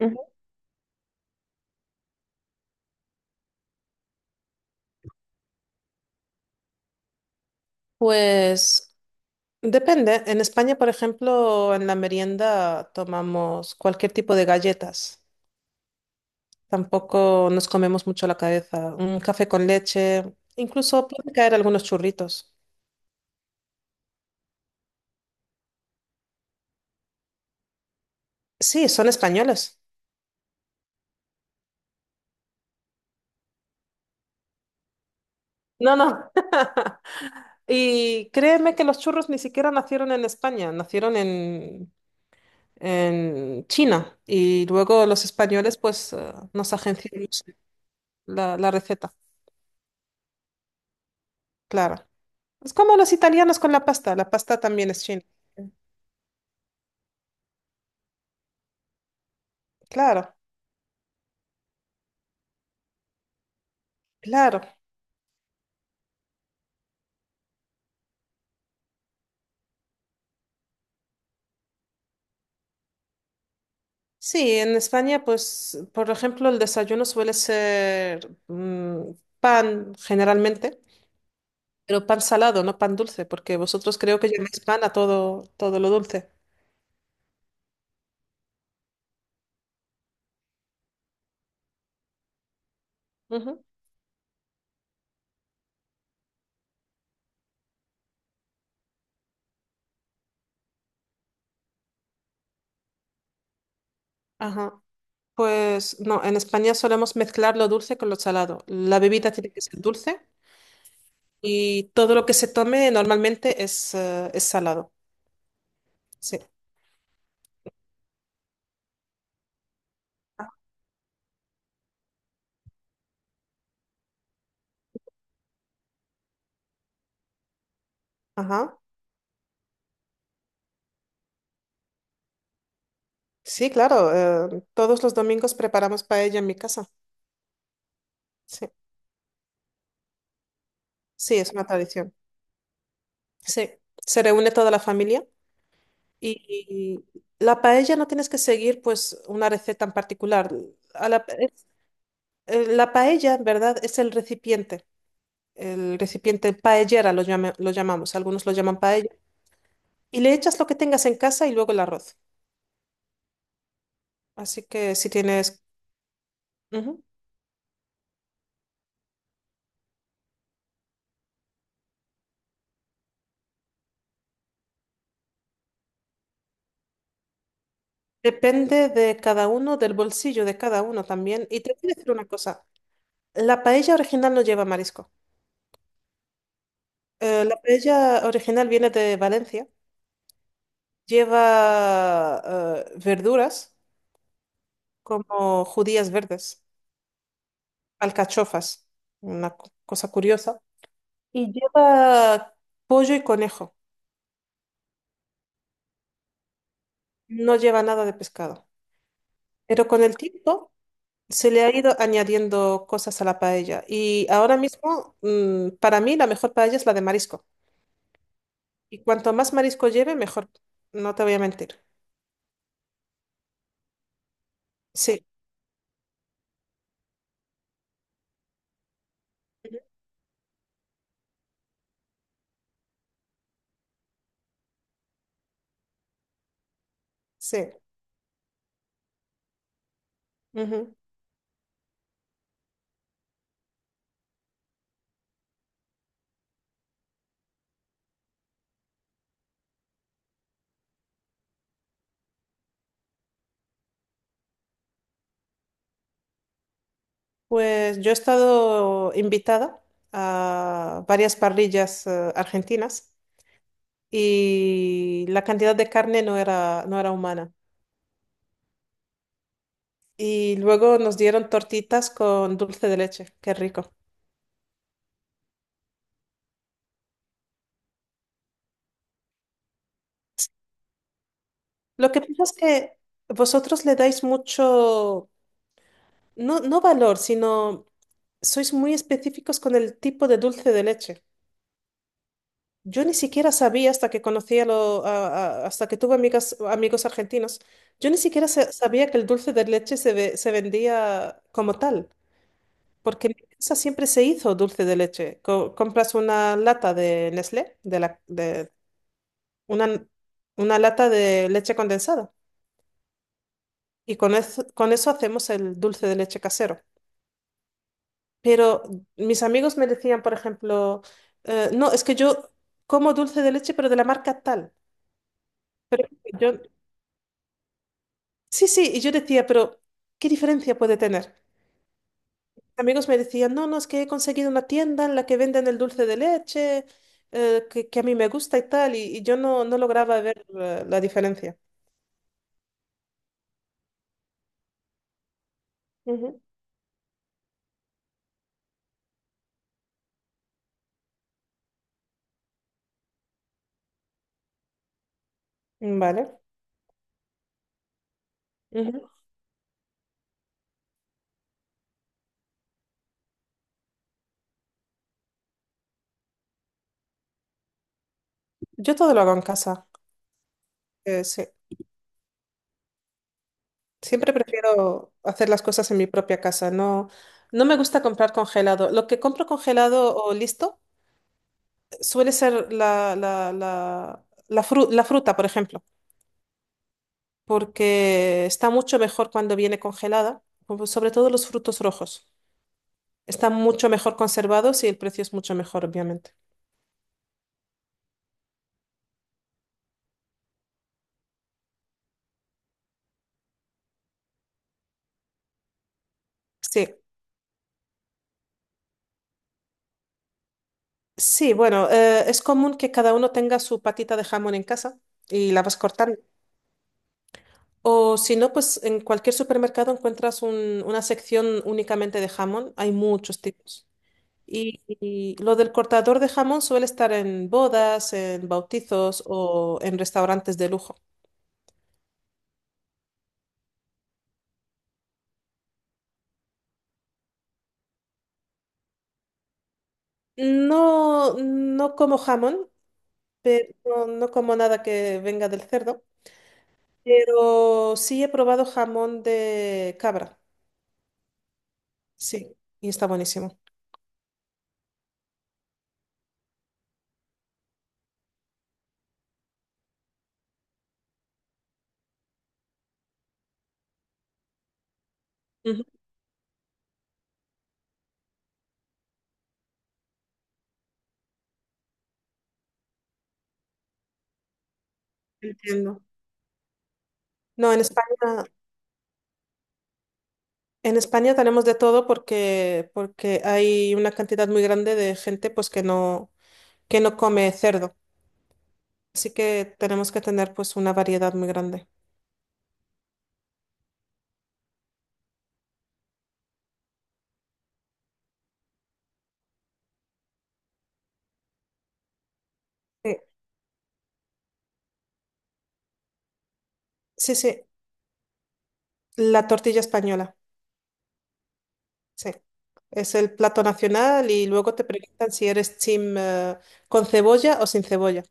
Ujú. Pues depende. En España, por ejemplo, en la merienda tomamos cualquier tipo de galletas. Tampoco nos comemos mucho la cabeza. Un café con leche. Incluso pueden caer algunos churritos. Sí, son españoles. No, no. Y créeme que los churros ni siquiera nacieron en España, nacieron en China. Y luego los españoles, pues, nos agenciaron la receta, claro. Es como los italianos con la pasta también es china. Claro, claro. Sí, en España, pues, por ejemplo, el desayuno suele ser pan generalmente, pero pan salado, no pan dulce, porque vosotros creo que llamáis pan a todo, todo lo dulce. Ujú. Ajá. Pues no, en España solemos mezclar lo dulce con lo salado. La bebida tiene que ser dulce y todo lo que se tome normalmente es salado. Sí. Ajá. Sí, claro, todos los domingos preparamos paella en mi casa. Sí, sí, es una tradición. Sí, se reúne toda la familia y la paella no tienes que seguir pues una receta en particular. A la, es- la paella, en verdad, es el recipiente paellera lo llamamos, algunos lo llaman paella. Y le echas lo que tengas en casa y luego el arroz. Así que si tienes... ujú. Depende de cada uno, del bolsillo de cada uno también. Y te voy a decir una cosa. La paella original no lleva marisco. La paella original viene de Valencia. Lleva verduras como judías verdes, alcachofas, una cosa curiosa. Y lleva pollo y conejo. No lleva nada de pescado. Pero con el tiempo se le ha ido añadiendo cosas a la paella. Y ahora mismo, para mí, la mejor paella es la de marisco. Y cuanto más marisco lleve, mejor. No te voy a mentir. Sí, sí. Ujú. Pues yo he estado invitada a varias parrillas argentinas y la cantidad de carne no era humana. Y luego nos dieron tortitas con dulce de leche, qué rico. Lo que pasa es que vosotros le dais mucho, no, no valor, sino sois muy específicos con el tipo de dulce de leche. Yo ni siquiera sabía hasta que conocía hasta que tuve amigas, amigos argentinos. Yo ni siquiera sabía que el dulce de leche se vendía como tal, porque en mi casa siempre se hizo dulce de leche. Compras una lata de Nestlé, de una, una lata de leche condensada, y con eso hacemos el dulce de leche casero. Pero mis amigos me decían, por ejemplo, no, es que yo como dulce de leche, pero de la marca tal. Yo Sí, sí, y yo decía, pero ¿qué diferencia puede tener? Amigos me decían, no, no, es que he conseguido una tienda en la que venden el dulce de leche, que a mí me gusta y tal, y yo no, no lograba ver la diferencia. Ujú. Vale. Ujú. Yo todo lo hago en casa. Sí. Siempre prefiero hacer las cosas en mi propia casa. No, no me gusta comprar congelado. Lo que compro congelado o listo suele ser la fruta, por ejemplo. Porque está mucho mejor cuando viene congelada, como sobre todo los frutos rojos. Están mucho mejor conservados y el precio es mucho mejor, obviamente. Sí, sí, bueno, es común que cada uno tenga su patita de jamón en casa y la vas cortando. O si no, pues en cualquier supermercado encuentras una sección únicamente de jamón. Hay muchos tipos. Y lo del cortador de jamón suele estar en bodas, en bautizos o en restaurantes de lujo. No, no como jamón, pero no, no como nada que venga del cerdo. Pero sí he probado jamón de cabra, sí, y está buenísimo. Ujú. Entiendo. No, en España tenemos de todo porque, porque hay una cantidad muy grande de gente pues que no come cerdo. Así que tenemos que tener pues una variedad muy grande. Sí, sí, sí, la tortilla española, sí. Es el plato nacional y luego te preguntan si eres team, con cebolla o sin cebolla.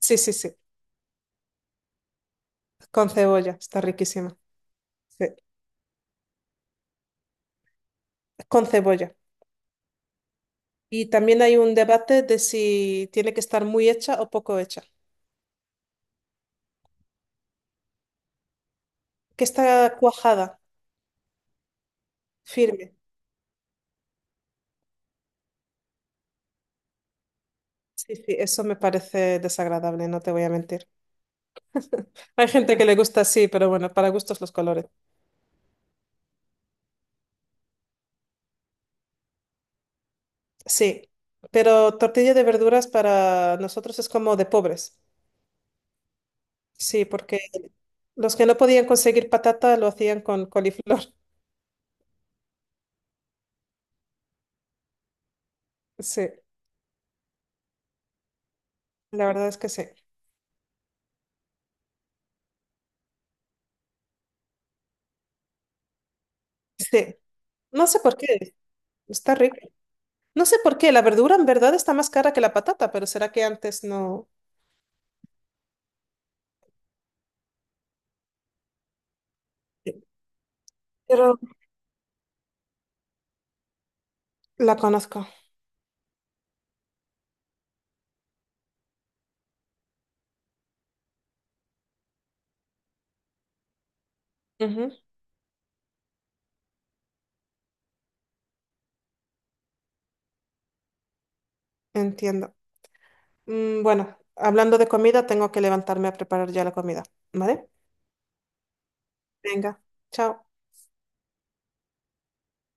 Sí, sí, sí, con cebolla, está riquísima. Sí, con cebolla. Y también hay un debate de si tiene que estar muy hecha o poco hecha. Que está cuajada, firme. Sí, sí, eso me parece desagradable, no te voy a mentir. Hay gente que le gusta así, pero bueno, para gustos los colores. Sí, pero tortilla de verduras para nosotros es como de pobres. Sí, porque los que no podían conseguir patata lo hacían con coliflor. Sí, la verdad es que sí. Sí, no sé por qué, está rico. No sé por qué, la verdura en verdad está más cara que la patata, pero será que antes no... Pero la conozco. Ujú. Entiendo. Bueno, hablando de comida, tengo que levantarme a preparar ya la comida, ¿vale? Venga, chao.